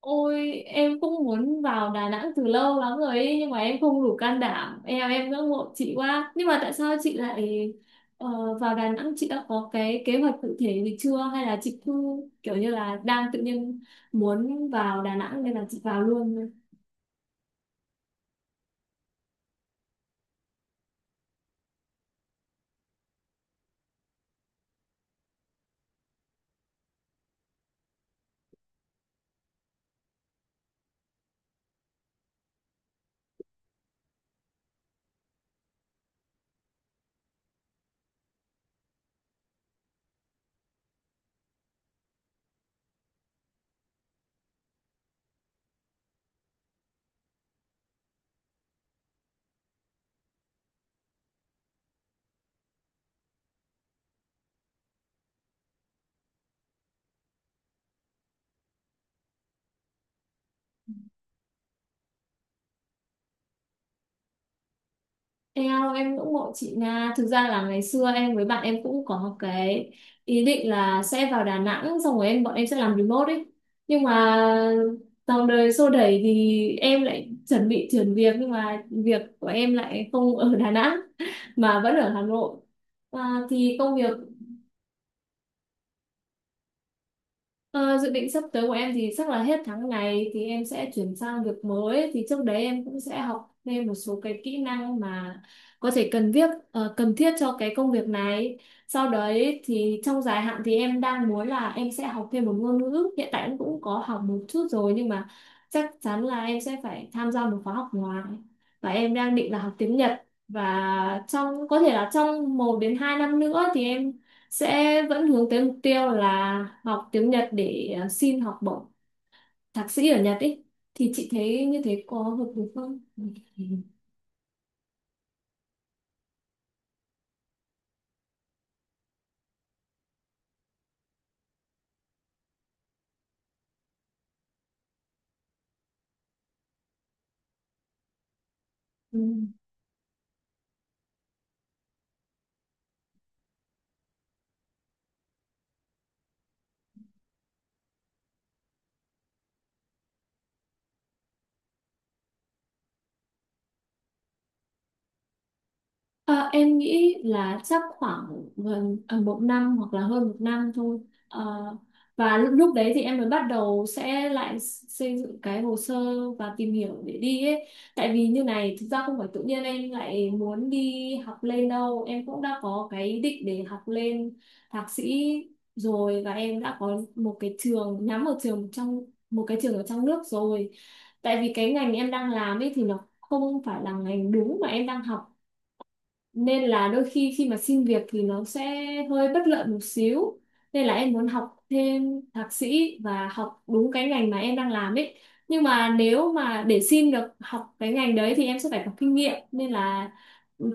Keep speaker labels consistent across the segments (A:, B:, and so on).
A: Ôi, em cũng muốn vào Đà Nẵng từ lâu lắm rồi ấy, nhưng mà em không đủ can đảm. Em ngưỡng mộ chị quá, nhưng mà tại sao chị lại vào Đà Nẵng? Chị đã có cái kế hoạch cụ thể gì chưa hay là chị cứ kiểu như là đang tự nhiên muốn vào Đà Nẵng nên là chị vào luôn? Em ngưỡng mộ chị Nga. Thực ra là ngày xưa em với bạn em cũng có cái ý định là sẽ vào Đà Nẵng, xong rồi bọn em sẽ làm remote ấy. Nhưng mà dòng đời xô đẩy thì em lại chuẩn bị chuyển việc, nhưng mà việc của em lại không ở Đà Nẵng mà vẫn ở Hà Nội, à, thì công việc. Ờ, dự định sắp tới của em thì chắc là hết tháng này thì em sẽ chuyển sang việc mới, thì trước đấy em cũng sẽ học thêm một số cái kỹ năng mà có thể cần thiết, cần thiết cho cái công việc này. Sau đấy thì trong dài hạn thì em đang muốn là em sẽ học thêm một ngôn ngữ, hiện tại em cũng có học một chút rồi nhưng mà chắc chắn là em sẽ phải tham gia một khóa học ngoài. Và em đang định là học tiếng Nhật, và trong có thể là trong một đến hai năm nữa thì em sẽ vẫn hướng tới mục tiêu là học tiếng Nhật để xin học bổng thạc sĩ ở Nhật ý. Thì chị thấy như thế có hợp lý không? Ừ. Ờ, em nghĩ là chắc khoảng gần một năm hoặc là hơn một năm thôi. Ờ, và lúc đấy thì em mới bắt đầu sẽ lại xây dựng cái hồ sơ và tìm hiểu để đi ấy. Tại vì như này, thực ra không phải tự nhiên em lại muốn đi học lên đâu. Em cũng đã có cái ý định để học lên thạc sĩ rồi, và em đã có một cái trường nhắm, một trường trong, một cái trường ở trong nước rồi. Tại vì cái ngành em đang làm ấy thì nó không phải là ngành đúng mà em đang học, nên là đôi khi khi mà xin việc thì nó sẽ hơi bất lợi một xíu, nên là em muốn học thêm thạc sĩ và học đúng cái ngành mà em đang làm ấy. Nhưng mà nếu mà để xin được học cái ngành đấy thì em sẽ phải có kinh nghiệm, nên là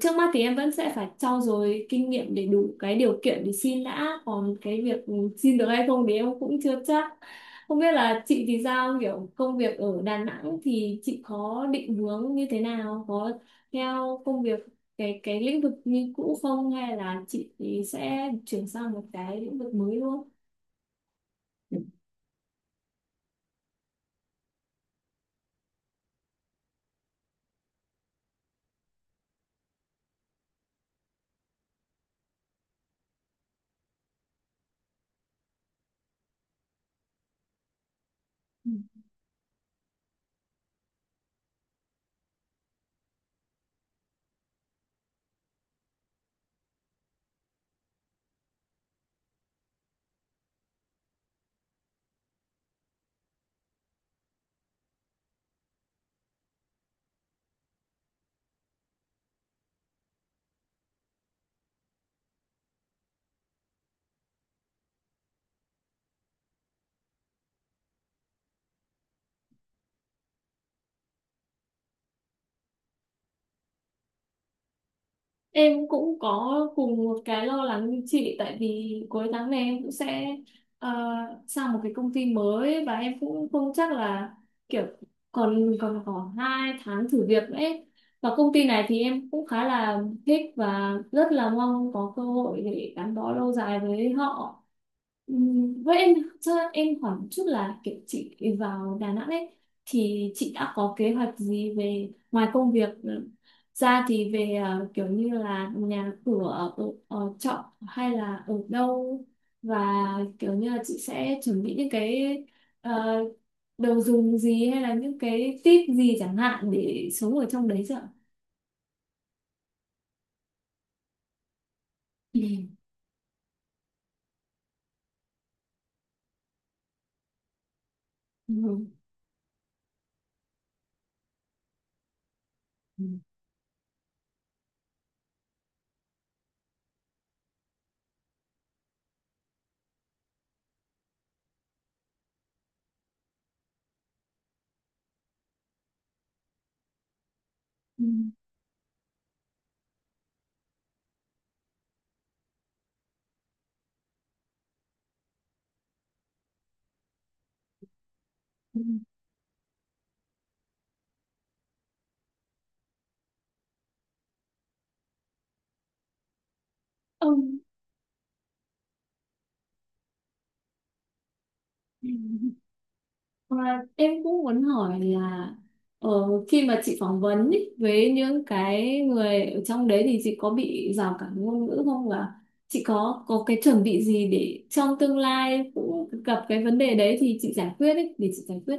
A: trước mắt thì em vẫn sẽ phải trau dồi kinh nghiệm để đủ cái điều kiện để xin đã, còn cái việc xin được hay không thì em cũng chưa chắc. Không biết là chị thì sao, kiểu công việc ở Đà Nẵng thì chị có định hướng như thế nào, có theo công việc cái lĩnh vực như cũ không hay là chị sẽ chuyển sang một cái lĩnh vực mới luôn? Em cũng có cùng một cái lo lắng như chị, tại vì cuối tháng này em cũng sẽ ờ, sang một cái công ty mới và em cũng không chắc là kiểu còn còn có hai tháng thử việc nữa ấy. Và công ty này thì em cũng khá là thích và rất là mong có cơ hội để gắn bó lâu dài với họ. Với em, cho em hỏi một chút là kiểu chị vào Đà Nẵng ấy, thì chị đã có kế hoạch gì về ngoài công việc ra thì về kiểu như là nhà cửa, ở, ở trọ hay là ở đâu, và kiểu như là chị sẽ chuẩn bị những cái ờ, đồ dùng gì hay là những cái tip gì chẳng hạn để sống ở trong đấy chứ ạ? Ừ. Ừ. Ừ. Ừ. Ừ. Ông. Và em cũng muốn hỏi là, ờ, khi mà chị phỏng vấn ý, với những cái người ở trong đấy thì chị có bị rào cản ngôn ngữ không, và chị có cái chuẩn bị gì để trong tương lai cũng gặp cái vấn đề đấy thì chị giải quyết ý, để chị giải quyết.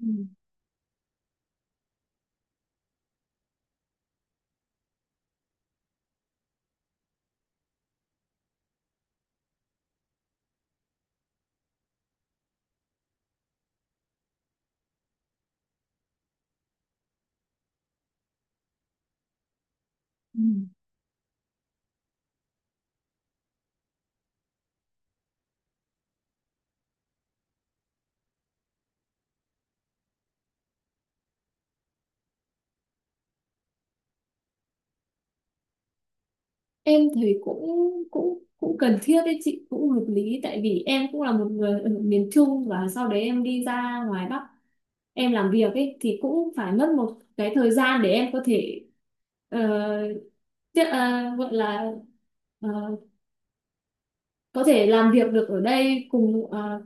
A: Ừ. Ừ. Em thấy cũng cũng cũng cần thiết đấy chị, cũng hợp lý, tại vì em cũng là một người ở miền Trung và sau đấy em đi ra ngoài Bắc em làm việc ấy, thì cũng phải mất một cái thời gian để em có thể ờ, tiếp- ờ, gọi là ờ, có thể làm việc được ở đây, cùng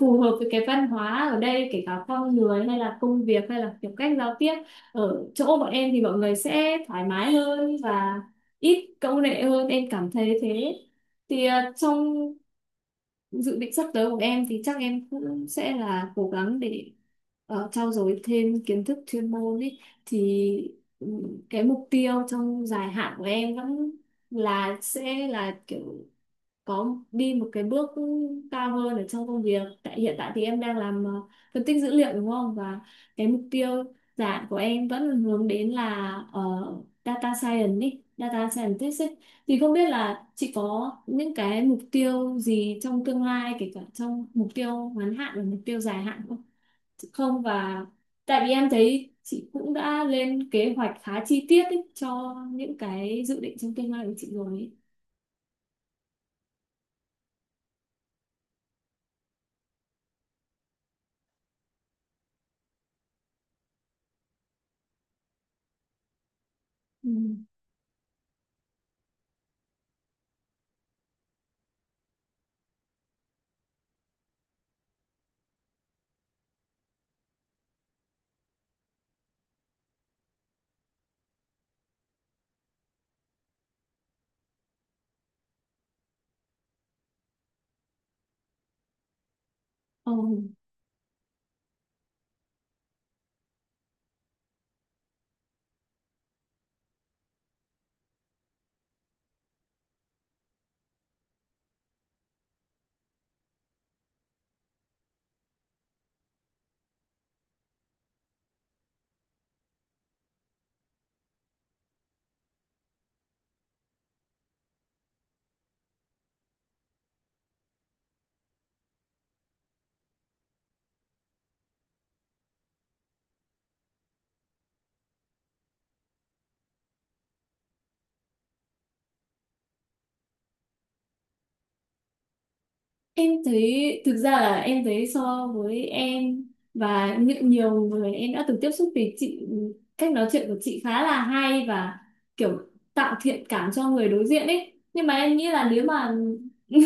A: phù hợp với cái văn hóa ở đây, kể cả con người hay là công việc hay là kiểu cách giao tiếp. Ở chỗ bọn em thì mọi người sẽ thoải mái hơn và ít câu nệ hơn, em cảm thấy thế. Thì trong dự định sắp tới của em thì chắc em cũng sẽ là cố gắng để trau dồi thêm kiến thức chuyên môn ý. Thì ừ, cái mục tiêu trong dài hạn của em vẫn là sẽ là kiểu có đi một cái bước cao hơn ở trong công việc, tại hiện tại thì em đang làm phân tích dữ liệu đúng không, và cái mục tiêu dạng của em vẫn là hướng đến là data science ý, data scientist ấy. Thì không biết là chị có những cái mục tiêu gì trong tương lai, kể cả trong mục tiêu ngắn hạn và mục tiêu dài hạn không? Không, và tại vì em thấy chị cũng đã lên kế hoạch khá chi tiết ý, cho những cái dự định trong tương lai của chị rồi ấy. Ừ. Ừ. Em thấy, thực ra là em thấy so với em và những nhiều người em đã từng tiếp xúc thì chị, cách nói chuyện của chị khá là hay và kiểu tạo thiện cảm cho người đối diện ấy, nhưng mà em nghĩ là nếu mà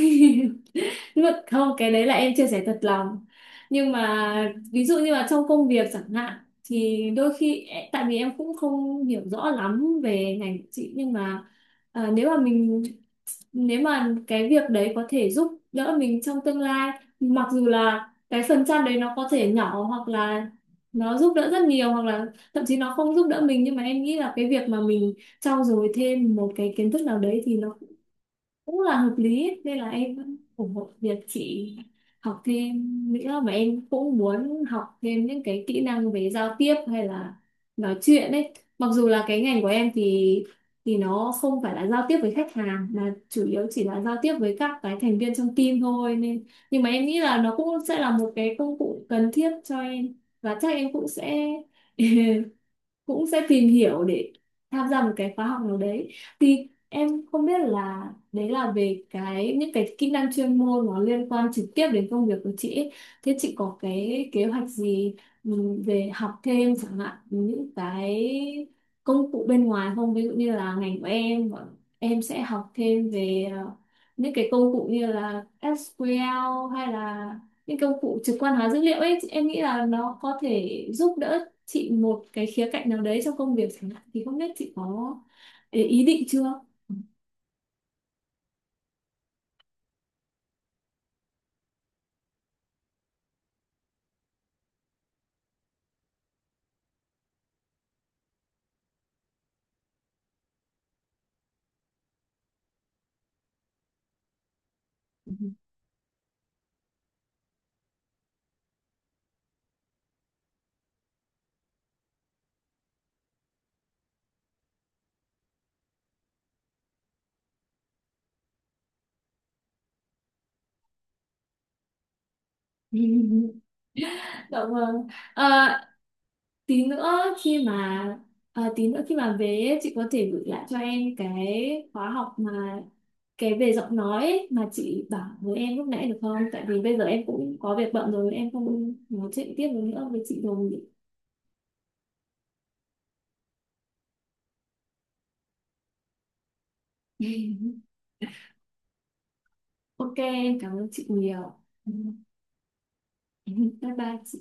A: ngược không, cái đấy là em chia sẻ thật lòng. Nhưng mà ví dụ như là trong công việc chẳng hạn, thì đôi khi, tại vì em cũng không hiểu rõ lắm về ngành của chị nhưng mà, à, nếu mà mình, nếu mà cái việc đấy có thể giúp đỡ mình trong tương lai, mặc dù là cái phần trăm đấy nó có thể nhỏ, hoặc là nó giúp đỡ rất nhiều, hoặc là thậm chí nó không giúp đỡ mình, nhưng mà em nghĩ là cái việc mà mình trau dồi thêm một cái kiến thức nào đấy thì nó cũng là hợp lý ấy. Nên là em vẫn ủng hộ việc chị học thêm nữa, và em cũng muốn học thêm những cái kỹ năng về giao tiếp hay là nói chuyện ấy. Mặc dù là cái ngành của em thì nó không phải là giao tiếp với khách hàng mà chủ yếu chỉ là giao tiếp với các cái thành viên trong team thôi, nên nhưng mà em nghĩ là nó cũng sẽ là một cái công cụ cần thiết cho em. Và chắc em cũng sẽ cũng sẽ tìm hiểu để tham gia một cái khóa học nào đấy. Thì em không biết là, đấy là về cái những cái kỹ năng chuyên môn nó liên quan trực tiếp đến công việc của chị ấy. Thế chị có cái kế hoạch gì, ừ, về học thêm chẳng hạn những cái công cụ bên ngoài không? Ví dụ như là ngành của em, bọn em sẽ học thêm về những cái công cụ như là SQL hay là những công cụ trực quan hóa dữ liệu ấy, em nghĩ là nó có thể giúp đỡ chị một cái khía cạnh nào đấy trong công việc chẳng hạn, thì không biết chị có ý ý định chưa? Dạ vâng. À, tí nữa khi mà, tí nữa khi mà về ấy, chị có thể gửi lại cho em cái khóa học mà, cái về giọng nói ấy, mà chị bảo với em lúc nãy được không? Tại vì bây giờ em cũng có việc bận rồi, em không nói chuyện tiếp được nữa với chị rồi. Ok, em cảm ơn chị nhiều. Bye bye chị.